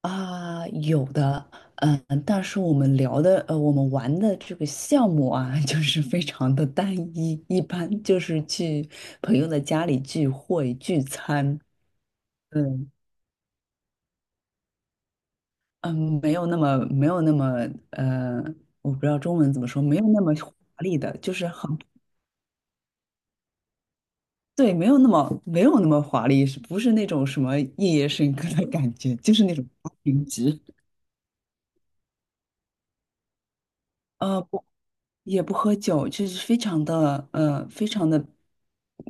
啊，有的，嗯，但是我们聊的，我们玩的这个项目啊，就是非常的单一，一般就是去朋友的家里聚会聚餐。嗯嗯，没有那么，呃，我不知道中文怎么说，没有那么华丽的，就是很，对，没有那么华丽，是不是那种什么夜夜笙歌的感觉，就是那种花瓶局。不也不喝酒，就是非常的，非常的，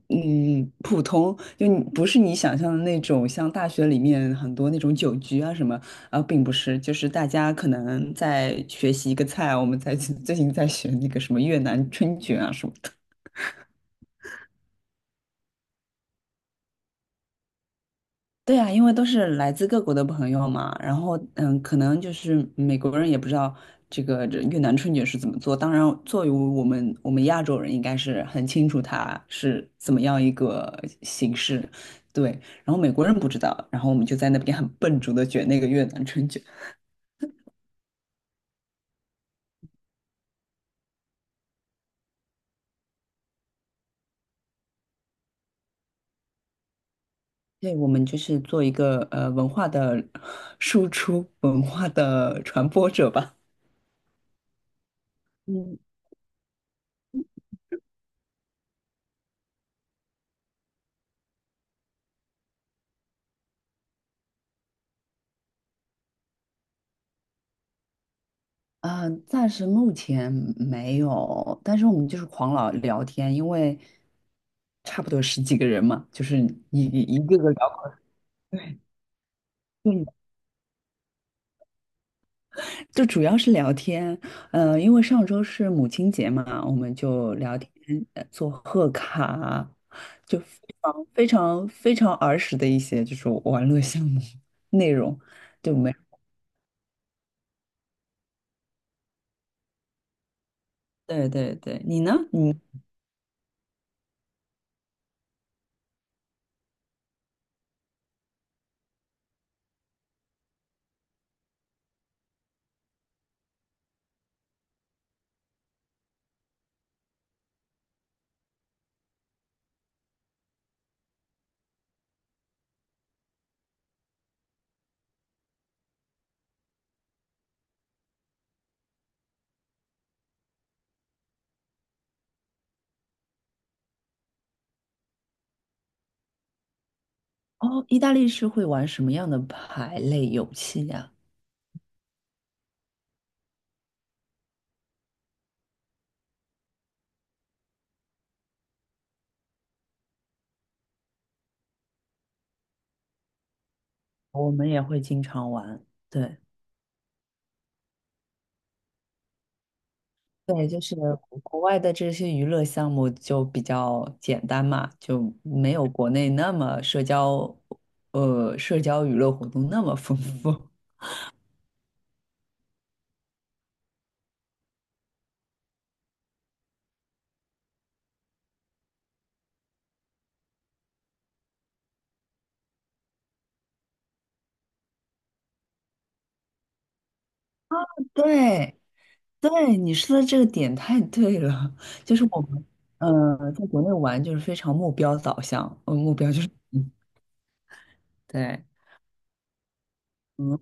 嗯，普通。就你不是你想象的那种，像大学里面很多那种酒局啊什么。啊，并不是，就是大家可能在学习一个菜，我们在 最近在学那个什么越南春卷啊什么。对啊，因为都是来自各国的朋友嘛，然后嗯，可能就是美国人也不知道这个这越南春卷是怎么做。当然，作为我们亚洲人，应该是很清楚它是怎么样一个形式，对。然后美国人不知道，然后我们就在那边很笨拙的卷那个越南春卷。对，我们就是做一个文化的输出、文化的传播者吧。嗯。暂时目前没有，但是我们就是狂聊聊天，因为差不多十几个人嘛，就是一个个聊。 对，嗯，就主要是聊天。因为上周是母亲节嘛，我们就聊天，做贺卡，就非常儿时的一些就是玩乐项目内容。对没？对对对，你呢？你哦，意大利是会玩什么样的牌类游戏呀？我们也会经常玩。对，对，就是国外的这些娱乐项目就比较简单嘛，就没有国内那么社交，社交娱乐活动那么丰富。对，对，你说的这个点太对了。就是我们，嗯，在国内玩就是非常目标导向。目标就是，嗯，对。嗯，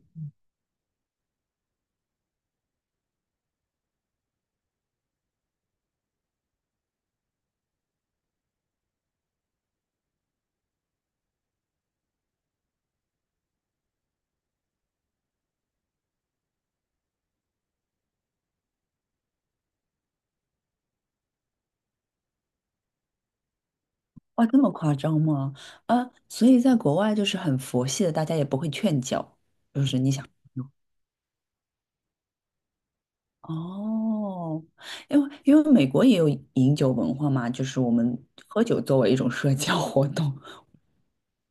哇，这么夸张吗？啊，所以在国外就是很佛系的，大家也不会劝教，就是你想。哦，因为美国也有饮酒文化嘛，就是我们喝酒作为一种社交活动。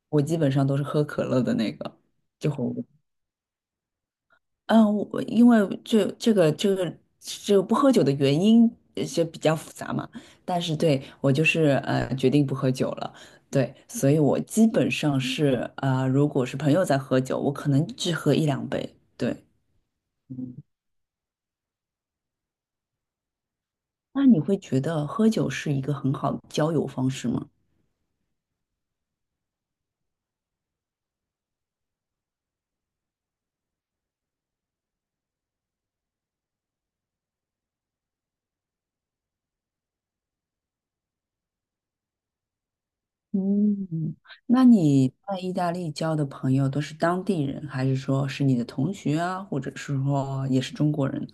我基本上都是喝可乐的那个，就很，嗯，我因为这个不喝酒的原因就比较复杂嘛。但是对我就是决定不喝酒了。对，所以我基本上是如果是朋友在喝酒，我可能只喝一两杯，对。那你会觉得喝酒是一个很好的交友方式吗？嗯，那你在意大利交的朋友都是当地人，还是说是你的同学啊，或者是说也是中国人？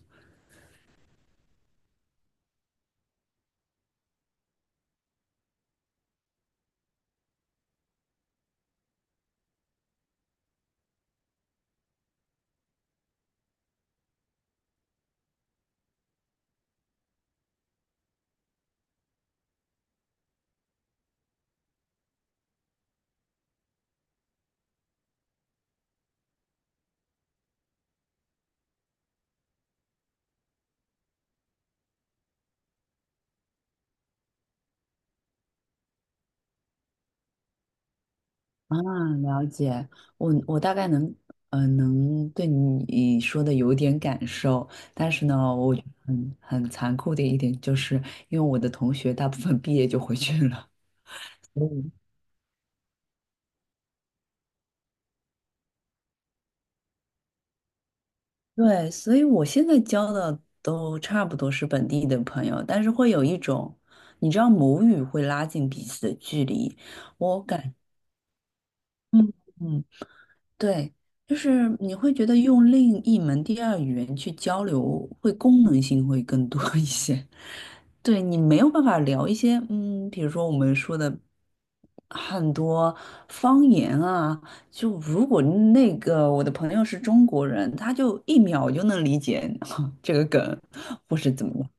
啊，了解。我我大概能，能对你说的有点感受。但是呢，我觉得很很残酷的一点就是，因为我的同学大部分毕业就回去了。对，所以我现在交的都差不多是本地的朋友，但是会有一种，你知道母语会拉近彼此的距离。我感，嗯嗯，对，就是你会觉得用另一门第二语言去交流，会功能性会更多 一些。对，你没有办法聊一些，嗯，比如说我们说的很多方言啊。就如果那个我的朋友是中国人，他就一秒就能理解 这个梗，或是怎么样。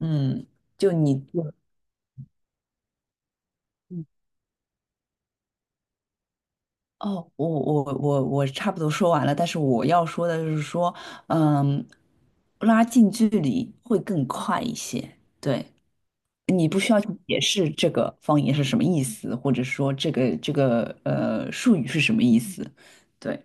嗯，就你。哦，我差不多说完了，但是我要说的就是说，嗯，拉近距离会更快一些。对，你不需要去解释这个方言是什么意思，或者说这个术语是什么意思。对。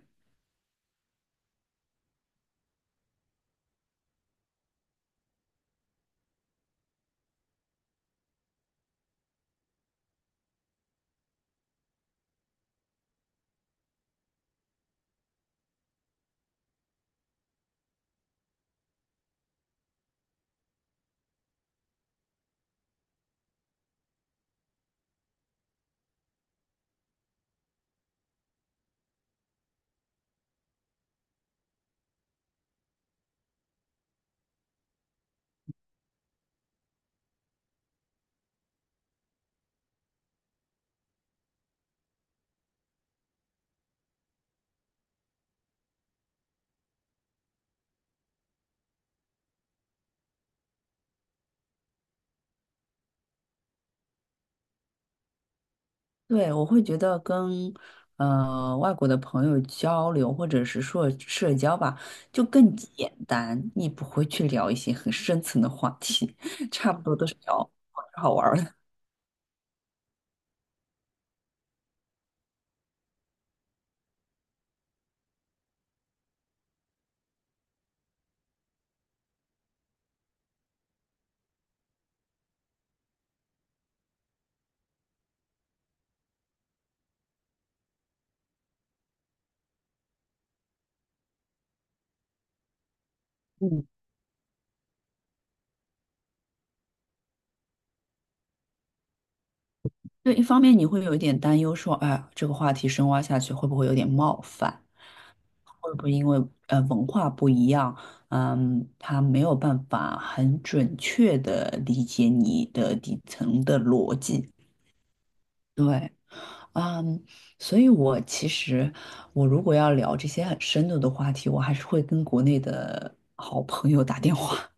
对，我会觉得跟外国的朋友交流，或者是说社交吧，就更简单。你不会去聊一些很深层的话题，差不多都是聊好好玩儿的。嗯。对，一方面你会有一点担忧说，哎，这个话题深挖下去会不会有点冒犯？会不会因为文化不一样，嗯，他没有办法很准确的理解你的底层的逻辑？对，嗯，所以我其实我如果要聊这些很深度的话题，我还是会跟国内的好朋友打电话。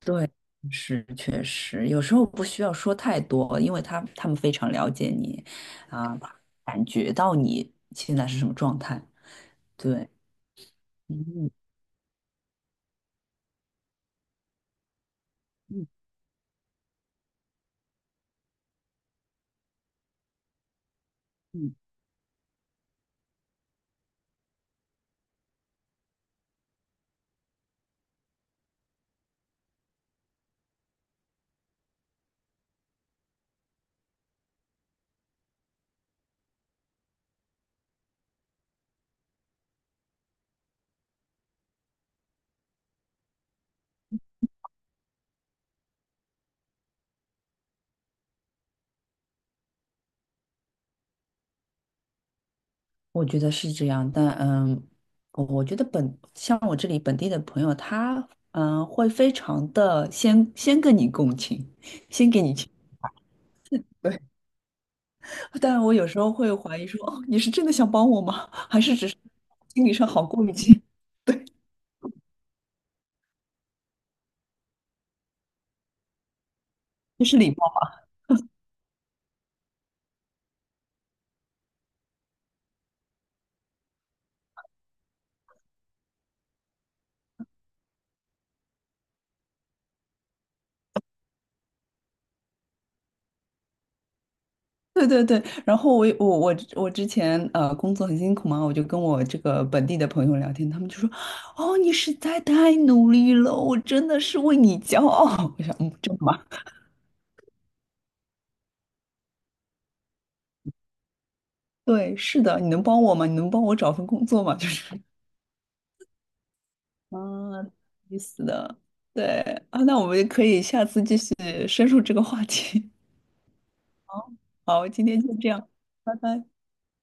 对，是确实，有时候不需要说太多，因为他们非常了解你，啊，感觉到你现在是什么状态。对，嗯嗯嗯，我觉得是这样。但嗯，我我觉得本像我这里本地的朋友，他嗯会非常的先跟你共情，先给你情。对。但我有时候会怀疑说，哦，你是真的想帮我吗？还是只是心理上好过一些？对，这是礼貌。对对对，然后我之前工作很辛苦嘛，我就跟我这个本地的朋友聊天，他们就说：“哦，你实在太努力了，我真的是为你骄傲。我想，嗯，真的吗？对，是的，你能帮我吗？你能帮我找份工作吗？就是，嗯，意思的，对啊。那我们可以下次继续深入这个话题。好，今天就这样，拜拜。